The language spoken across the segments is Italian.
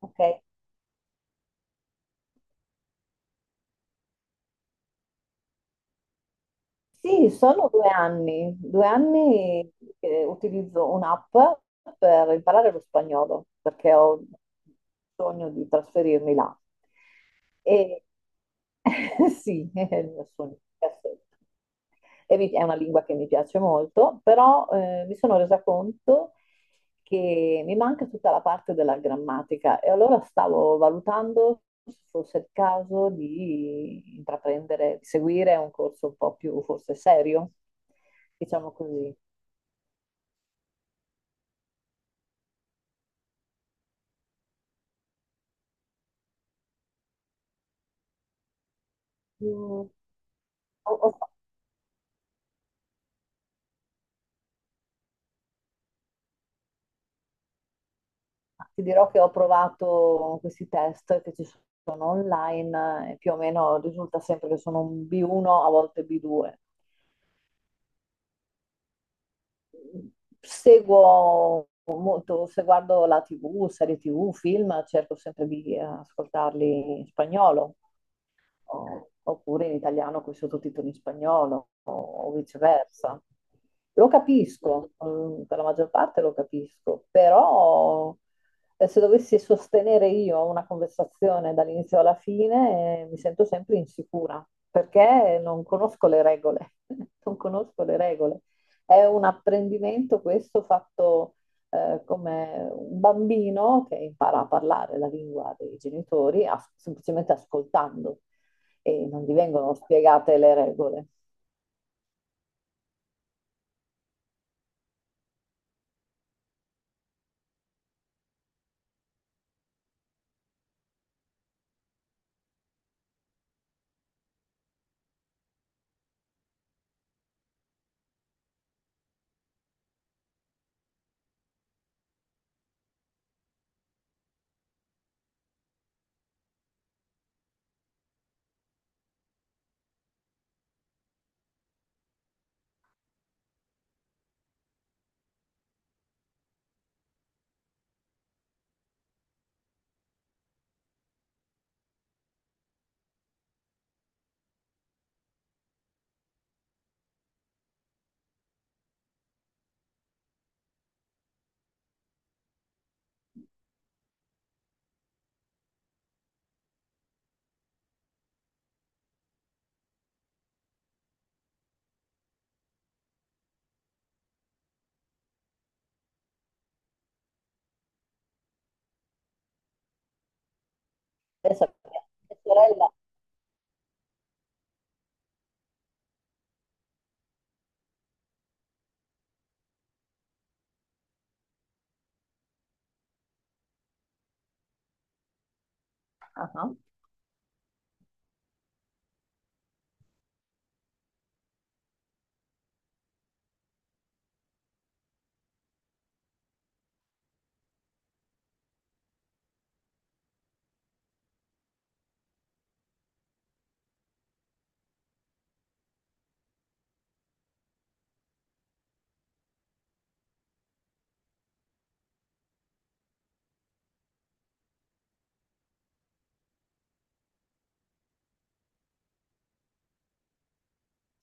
Ok. Sì, sono due anni, che utilizzo un'app per imparare lo spagnolo, perché ho bisogno di trasferirmi là. E sì, è il mio sogno. Perfetto. E è una lingua che mi piace molto, però mi sono resa conto che mi manca tutta la parte della grammatica e allora stavo valutando se fosse il caso di intraprendere, di seguire un corso un po' più forse serio, diciamo così. Mm, ho- ho- fa- ti dirò che ho provato questi test che ci sono online e più o meno risulta sempre che sono un B1, a volte B2. Seguo molto, se guardo la TV, serie TV, film, cerco sempre di ascoltarli in spagnolo oppure in italiano con i sottotitoli in spagnolo o viceversa. Lo capisco, mm, per la maggior parte lo capisco, però se dovessi sostenere io una conversazione dall'inizio alla fine, mi sento sempre insicura perché non conosco le regole, non conosco le regole. È un apprendimento questo fatto come un bambino che impara a parlare la lingua dei genitori semplicemente ascoltando e non gli vengono spiegate le regole. Pensa che mia sorella, Ah,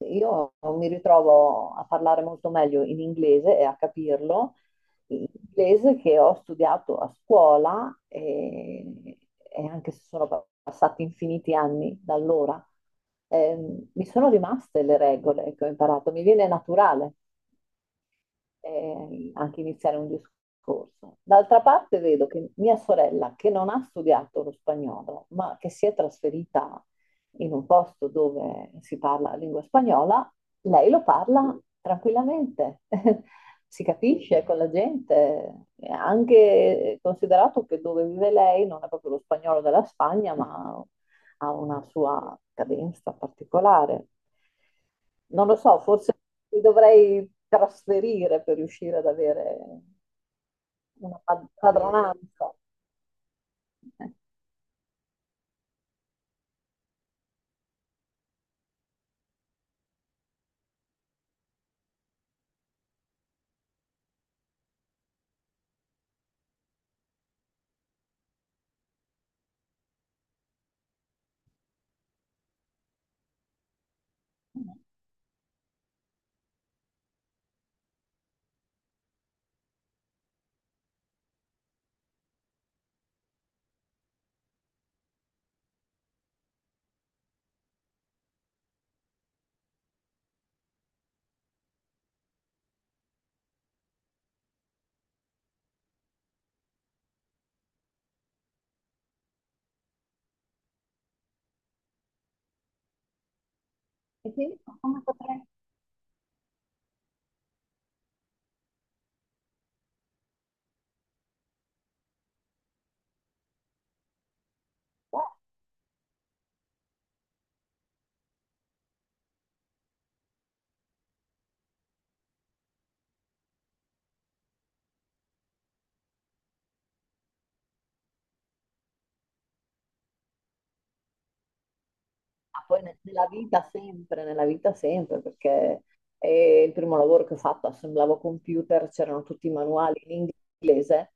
io mi ritrovo a parlare molto meglio in inglese e a capirlo, in inglese che ho studiato a scuola e anche se sono passati infiniti anni da allora, mi sono rimaste le regole che ho imparato, mi viene naturale. Eh, anche iniziare un discorso. D'altra parte vedo che mia sorella, che non ha studiato lo spagnolo, ma che si è trasferita in un posto dove si parla la lingua spagnola, lei lo parla tranquillamente, si capisce con la gente. E anche considerato che dove vive lei non è proprio lo spagnolo della Spagna, ma ha una sua cadenza particolare. Non lo so, forse mi dovrei trasferire per riuscire ad avere una padronanza. E quindi come potrei fare? Ma poi nella vita sempre, perché il primo lavoro che ho fatto assemblavo computer, c'erano tutti i manuali in inglese,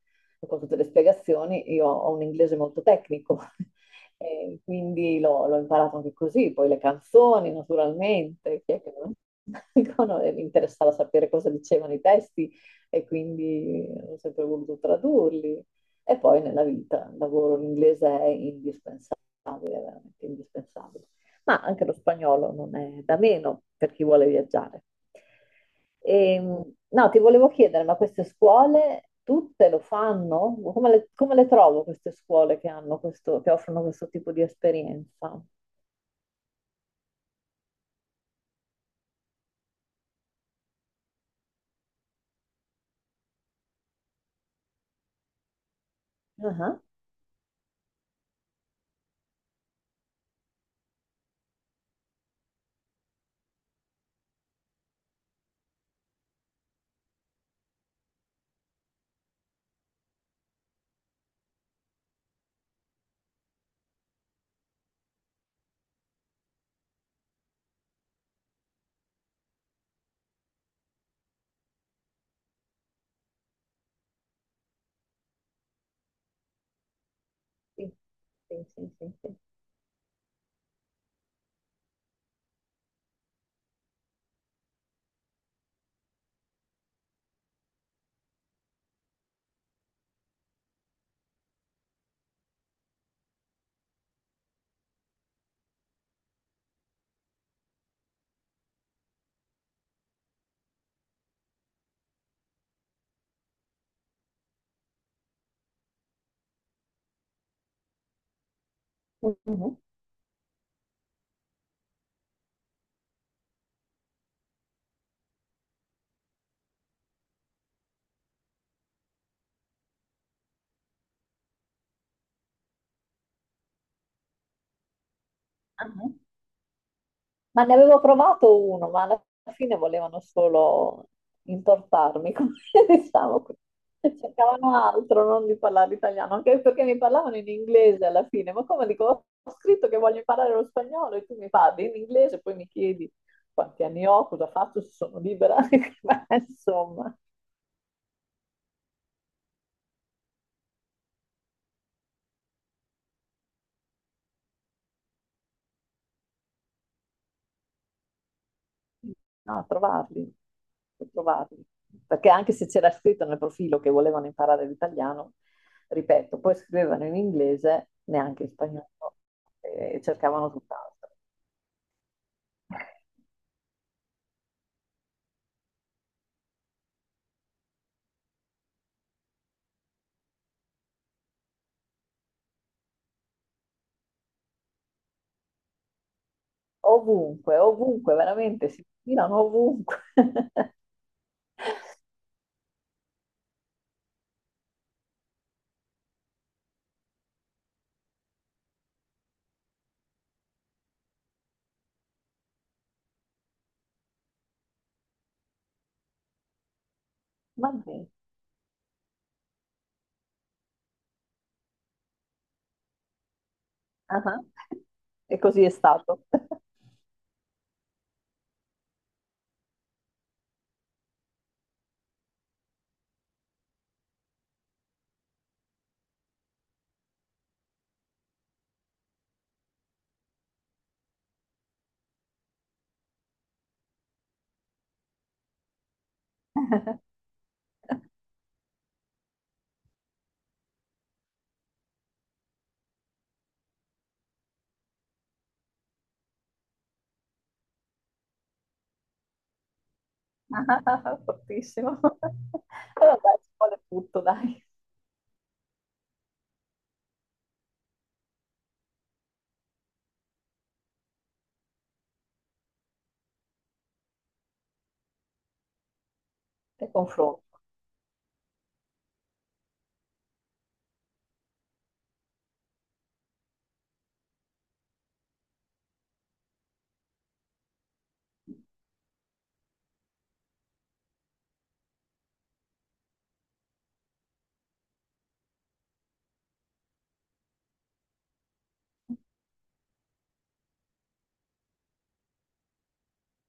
con tutte le spiegazioni, io ho un inglese molto tecnico, e quindi l'ho imparato anche così, poi le canzoni naturalmente, chi è che non- no, e mi interessava sapere cosa dicevano i testi e quindi ho sempre voluto tradurli. E poi nella vita, il lavoro in inglese è indispensabile, veramente indispensabile, ma anche lo spagnolo non è da meno per chi vuole viaggiare. E, no, ti volevo chiedere, ma queste scuole tutte lo fanno? Come le trovo queste scuole che hanno questo, che offrono questo tipo di esperienza? Ah, sì, sì. Mhm. Mhm. Ma ne avevo provato uno, ma alla fine volevano solo intortarmi, come diciamo, cercavano altro, non di parlare italiano, anche perché mi parlavano in inglese alla fine, ma come dico, ho scritto che voglio imparare lo spagnolo e tu mi parli in inglese, poi mi chiedi quanti anni ho, cosa faccio, se sono libera, ma insomma. No, trovarli, trovarli. Perché anche se c'era scritto nel profilo che volevano imparare l'italiano, ripeto, poi scrivevano in inglese, neanche in spagnolo, e cercavano tutt'altro. Ovunque, ovunque, veramente, si filano ovunque. Va bene. Ah, e così è stato. Fortissimo. Allora dai, ci vuole tutto, dai, e confronto.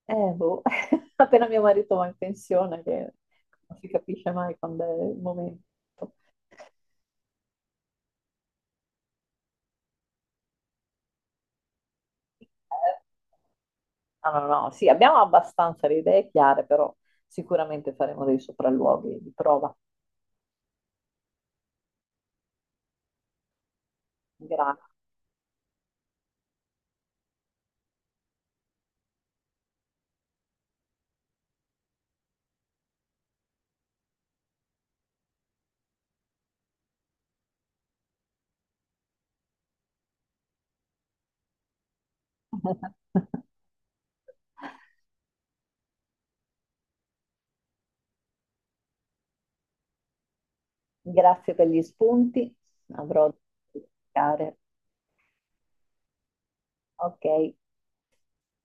Boh, appena mio marito va in pensione, che non si capisce mai quando è il momento. Eh, No, sì, abbiamo abbastanza le idee chiare, però sicuramente faremo dei sopralluoghi di prova. Gra- Grazie per gli spunti, avrò da cercare. Ok.